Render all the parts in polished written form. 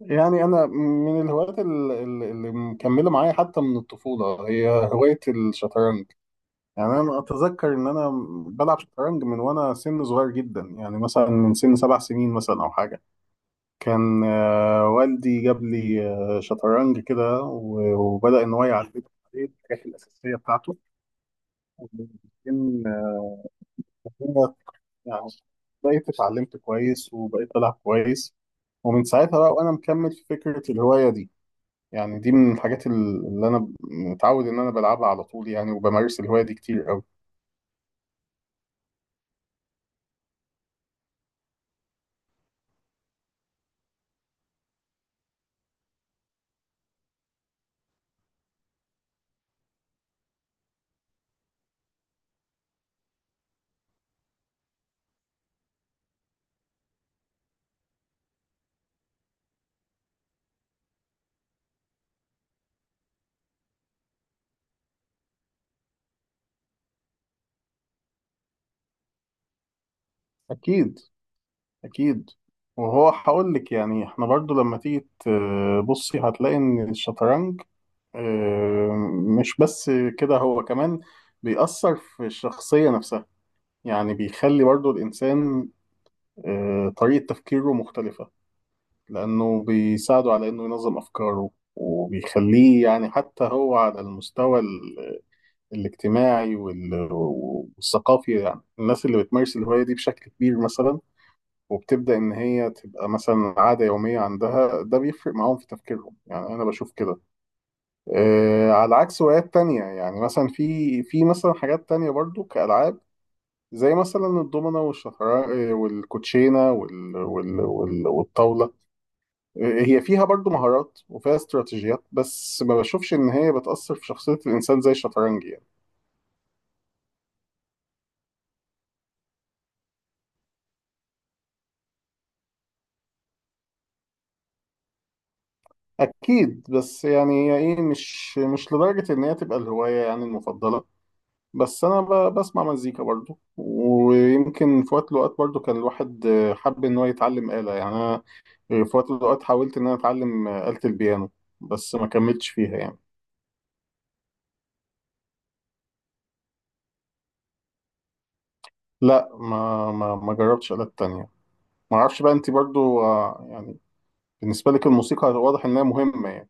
يعني انا من الهوايات اللي مكمله معايا حتى من الطفوله هي هوايه الشطرنج. يعني انا اتذكر ان انا بلعب شطرنج من وانا سن صغير جدا، يعني مثلا من سن 7 سنين مثلا او حاجه. كان والدي جاب لي شطرنج كده وبدا ان هو يعلمني عليه الحاجات الاساسيه بتاعته. وبعدين آه، هو يعني بقيت اتعلمت كويس وبقيت بلعب كويس. ومن ساعتها بقى وانا مكمل في فكره الهوايه دي. يعني دي من الحاجات اللي انا متعود ان انا بلعبها على طول، يعني وبمارس الهوايه دي كتير قوي. اكيد اكيد. وهو هقول لك، يعني احنا برضو لما تيجي تبصي هتلاقي ان الشطرنج آه، مش بس كده، هو كمان بيأثر في الشخصيه نفسها. يعني بيخلي برضو الانسان طريقه تفكيره مختلفه، لانه بيساعده على انه ينظم افكاره. وبيخليه يعني حتى هو على المستوى الاجتماعي والثقافي. يعني الناس اللي بتمارس الهواية دي بشكل كبير مثلا، وبتبدأ إن هي تبقى مثلا عادة يومية عندها، ده بيفرق معاهم في تفكيرهم. يعني أنا بشوف كده، آه، على عكس هوايات تانية. يعني مثلا في مثلا حاجات تانية برضو كألعاب زي مثلا الضمنة والشطرنج، والكوتشينة والطاولة. هي فيها برضو مهارات وفيها استراتيجيات، بس ما بشوفش إن هي بتأثر في شخصية الإنسان زي الشطرنج يعني. اكيد. بس يعني هي ايه، مش لدرجه ان هي تبقى الهوايه يعني المفضله. بس انا بسمع مزيكا برضو. ويمكن في وقت من الاوقات برضو كان الواحد حب ان هو يتعلم آلة. يعني انا في وقت من الاوقات حاولت ان انا اتعلم آلة البيانو، بس ما كملتش فيها يعني. لا، ما جربتش آلات تانية. ما اعرفش بقى، انت برضو يعني بالنسبه لك الموسيقى واضح انها مهمه يعني.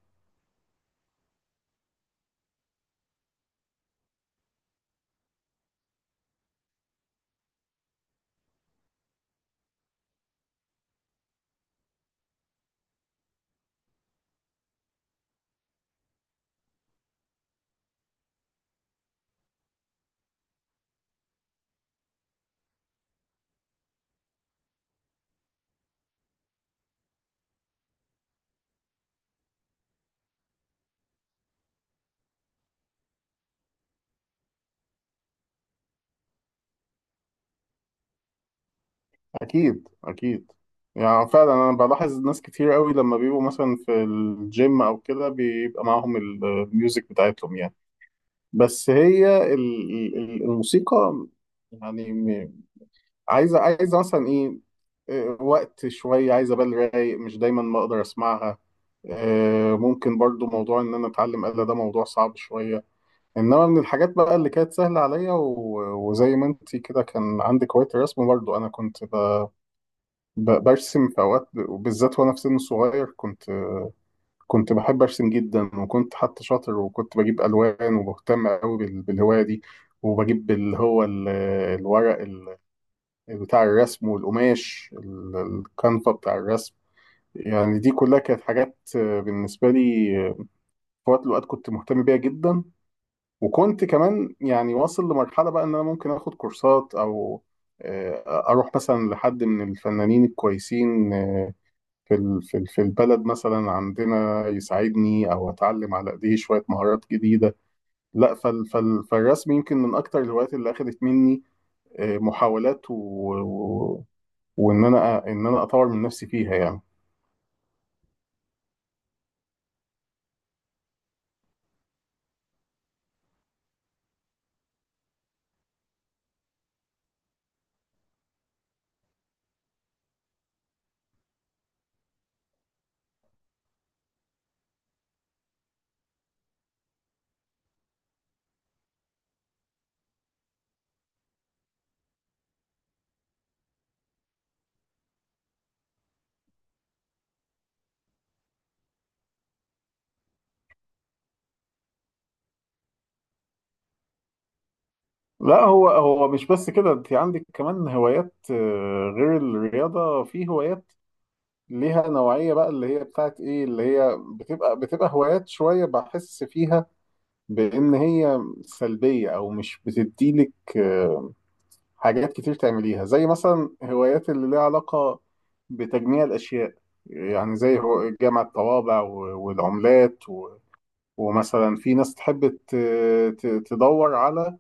اكيد اكيد. يعني فعلا انا بلاحظ ناس كتير قوي لما بيبقوا مثلا في الجيم او كده بيبقى معاهم الميوزك بتاعتهم يعني. بس هي الموسيقى يعني عايزه، عايزه مثلا ايه، وقت شويه، عايزه بال رايق، مش دايما ما اقدر اسمعها. ممكن برضو موضوع ان انا اتعلم آلة ده موضوع صعب شويه. انما من الحاجات بقى اللي كانت سهله عليا وزي ما انت كده كان عندك هوايه الرسم، برضو انا كنت برسم في اوقات، وبالذات وانا في سن صغير كنت كنت بحب ارسم جدا. وكنت حتى شاطر، وكنت بجيب الوان وبهتم قوي بالهوايه دي. وبجيب اللي هو الورق بتاع الرسم، والقماش الكنفه بتاع الرسم. يعني دي كلها كانت حاجات بالنسبه لي في وقت من الاوقات كنت مهتم بيها جدا. وكنت كمان يعني واصل لمرحله بقى ان انا ممكن اخد كورسات، او اروح مثلا لحد من الفنانين الكويسين، في في البلد مثلا عندنا، يساعدني او اتعلم على ايديه شويه مهارات جديده. لا، فالرسم يمكن من اكتر الهوايات اللي اخذت مني محاولات و... وان انا اطور من نفسي فيها يعني. لا، هو مش بس كده، انت عندك كمان هوايات غير الرياضه. في هوايات ليها نوعيه بقى اللي هي بتاعت ايه، اللي هي بتبقى هوايات شويه بحس فيها بان هي سلبيه او مش بتديلك حاجات كتير تعمليها، زي مثلا هوايات اللي ليها علاقة بتجميع الأشياء. يعني زي هو جمع الطوابع والعملات ومثلا في ناس تحب تدور على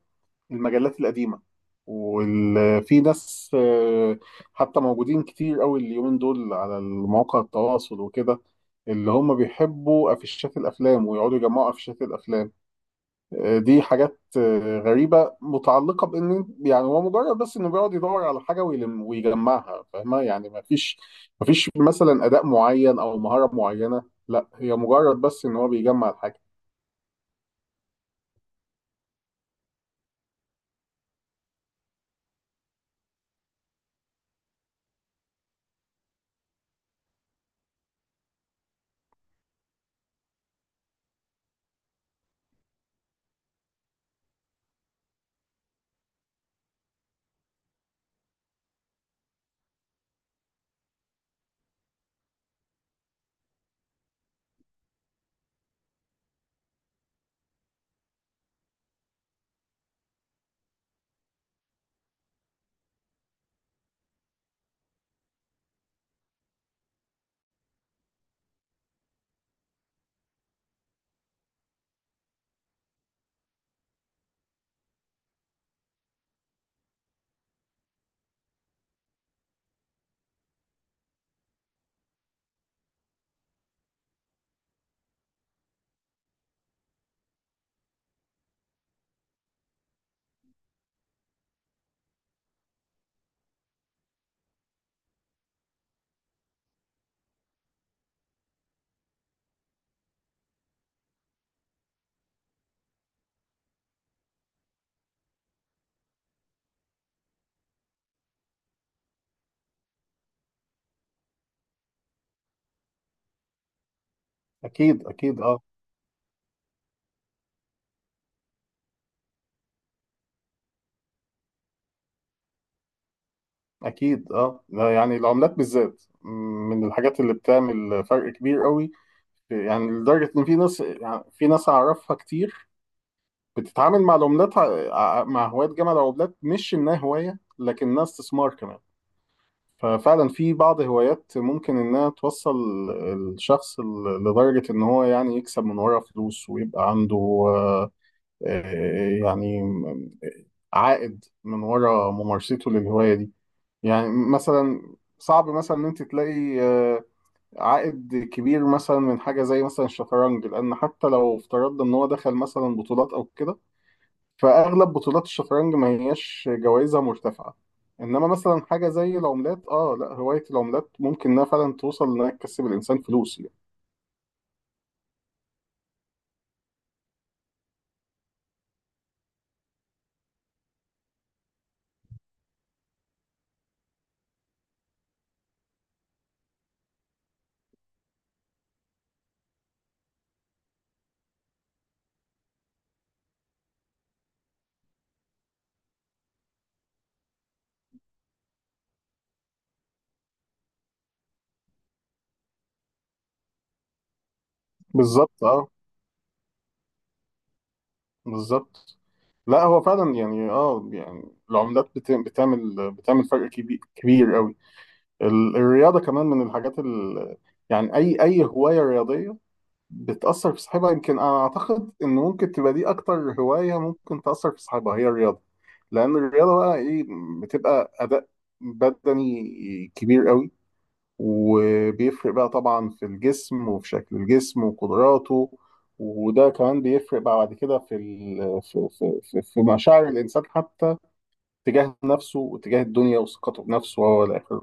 المجلات القديمة. وفي ناس حتى موجودين كتير قوي اليومين دول على المواقع التواصل وكده، اللي هم بيحبوا أفيشات الأفلام ويقعدوا يجمعوا أفيشات الأفلام. دي حاجات غريبة متعلقة بإن، يعني هو مجرد بس إنه بيقعد يدور على حاجة ويلم ويجمعها، فاهمة يعني ما فيش مثلا أداء معين أو مهارة معينة. لا، هي مجرد بس إن هو بيجمع الحاجة. أكيد أكيد، أه. أكيد، أه. لا، يعني العملات بالذات من الحاجات اللي بتعمل فرق كبير قوي. يعني لدرجة إن في ناس، يعني في ناس أعرفها كتير بتتعامل مع العملات، مع هواة جمع العملات، مش إنها هواية لكنها استثمار كمان. ففعلا في بعض هوايات ممكن انها توصل الشخص لدرجة ان هو يعني يكسب من ورا فلوس ويبقى عنده آه، آه، يعني عائد من ورا ممارسته للهواية دي. يعني مثلا صعب مثلا ان انت تلاقي عائد كبير مثلا من حاجة زي مثلا الشطرنج، لان حتى لو افترضنا ان هو دخل مثلا بطولات او كده، فاغلب بطولات الشطرنج ما هياش جوائزها مرتفعه. انما مثلا حاجه زي العملات، اه، لا، هوايه العملات ممكن انها فعلا توصل انها تكسب الانسان فلوس يعني. بالظبط، اه، بالظبط. لا، هو فعلا يعني، اه يعني العملات بتعمل فرق كبير، كبير قوي. الرياضه كمان من الحاجات يعني اي هوايه رياضيه بتأثر في صاحبها. يمكن أنا أعتقد إن ممكن تبقى دي أكتر هواية ممكن تأثر في صاحبها هي الرياضة. لأن الرياضة بقى إيه، بتبقى أداء بدني كبير قوي، وبيفرق بقى طبعا في الجسم وفي شكل الجسم وقدراته. وده كمان بيفرق بقى بعد كده في في مشاعر الإنسان حتى تجاه نفسه وتجاه الدنيا وثقته بنفسه وهو الآخر.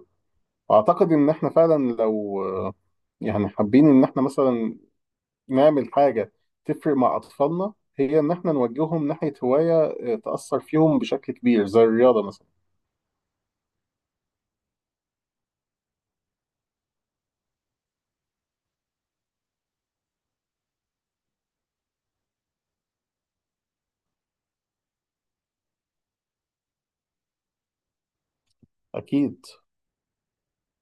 أعتقد إن إحنا فعلا لو يعني حابين إن إحنا مثلا نعمل حاجة تفرق مع أطفالنا، هي إن إحنا نوجههم ناحية هواية تأثر فيهم بشكل كبير زي الرياضة مثلا. أكيد.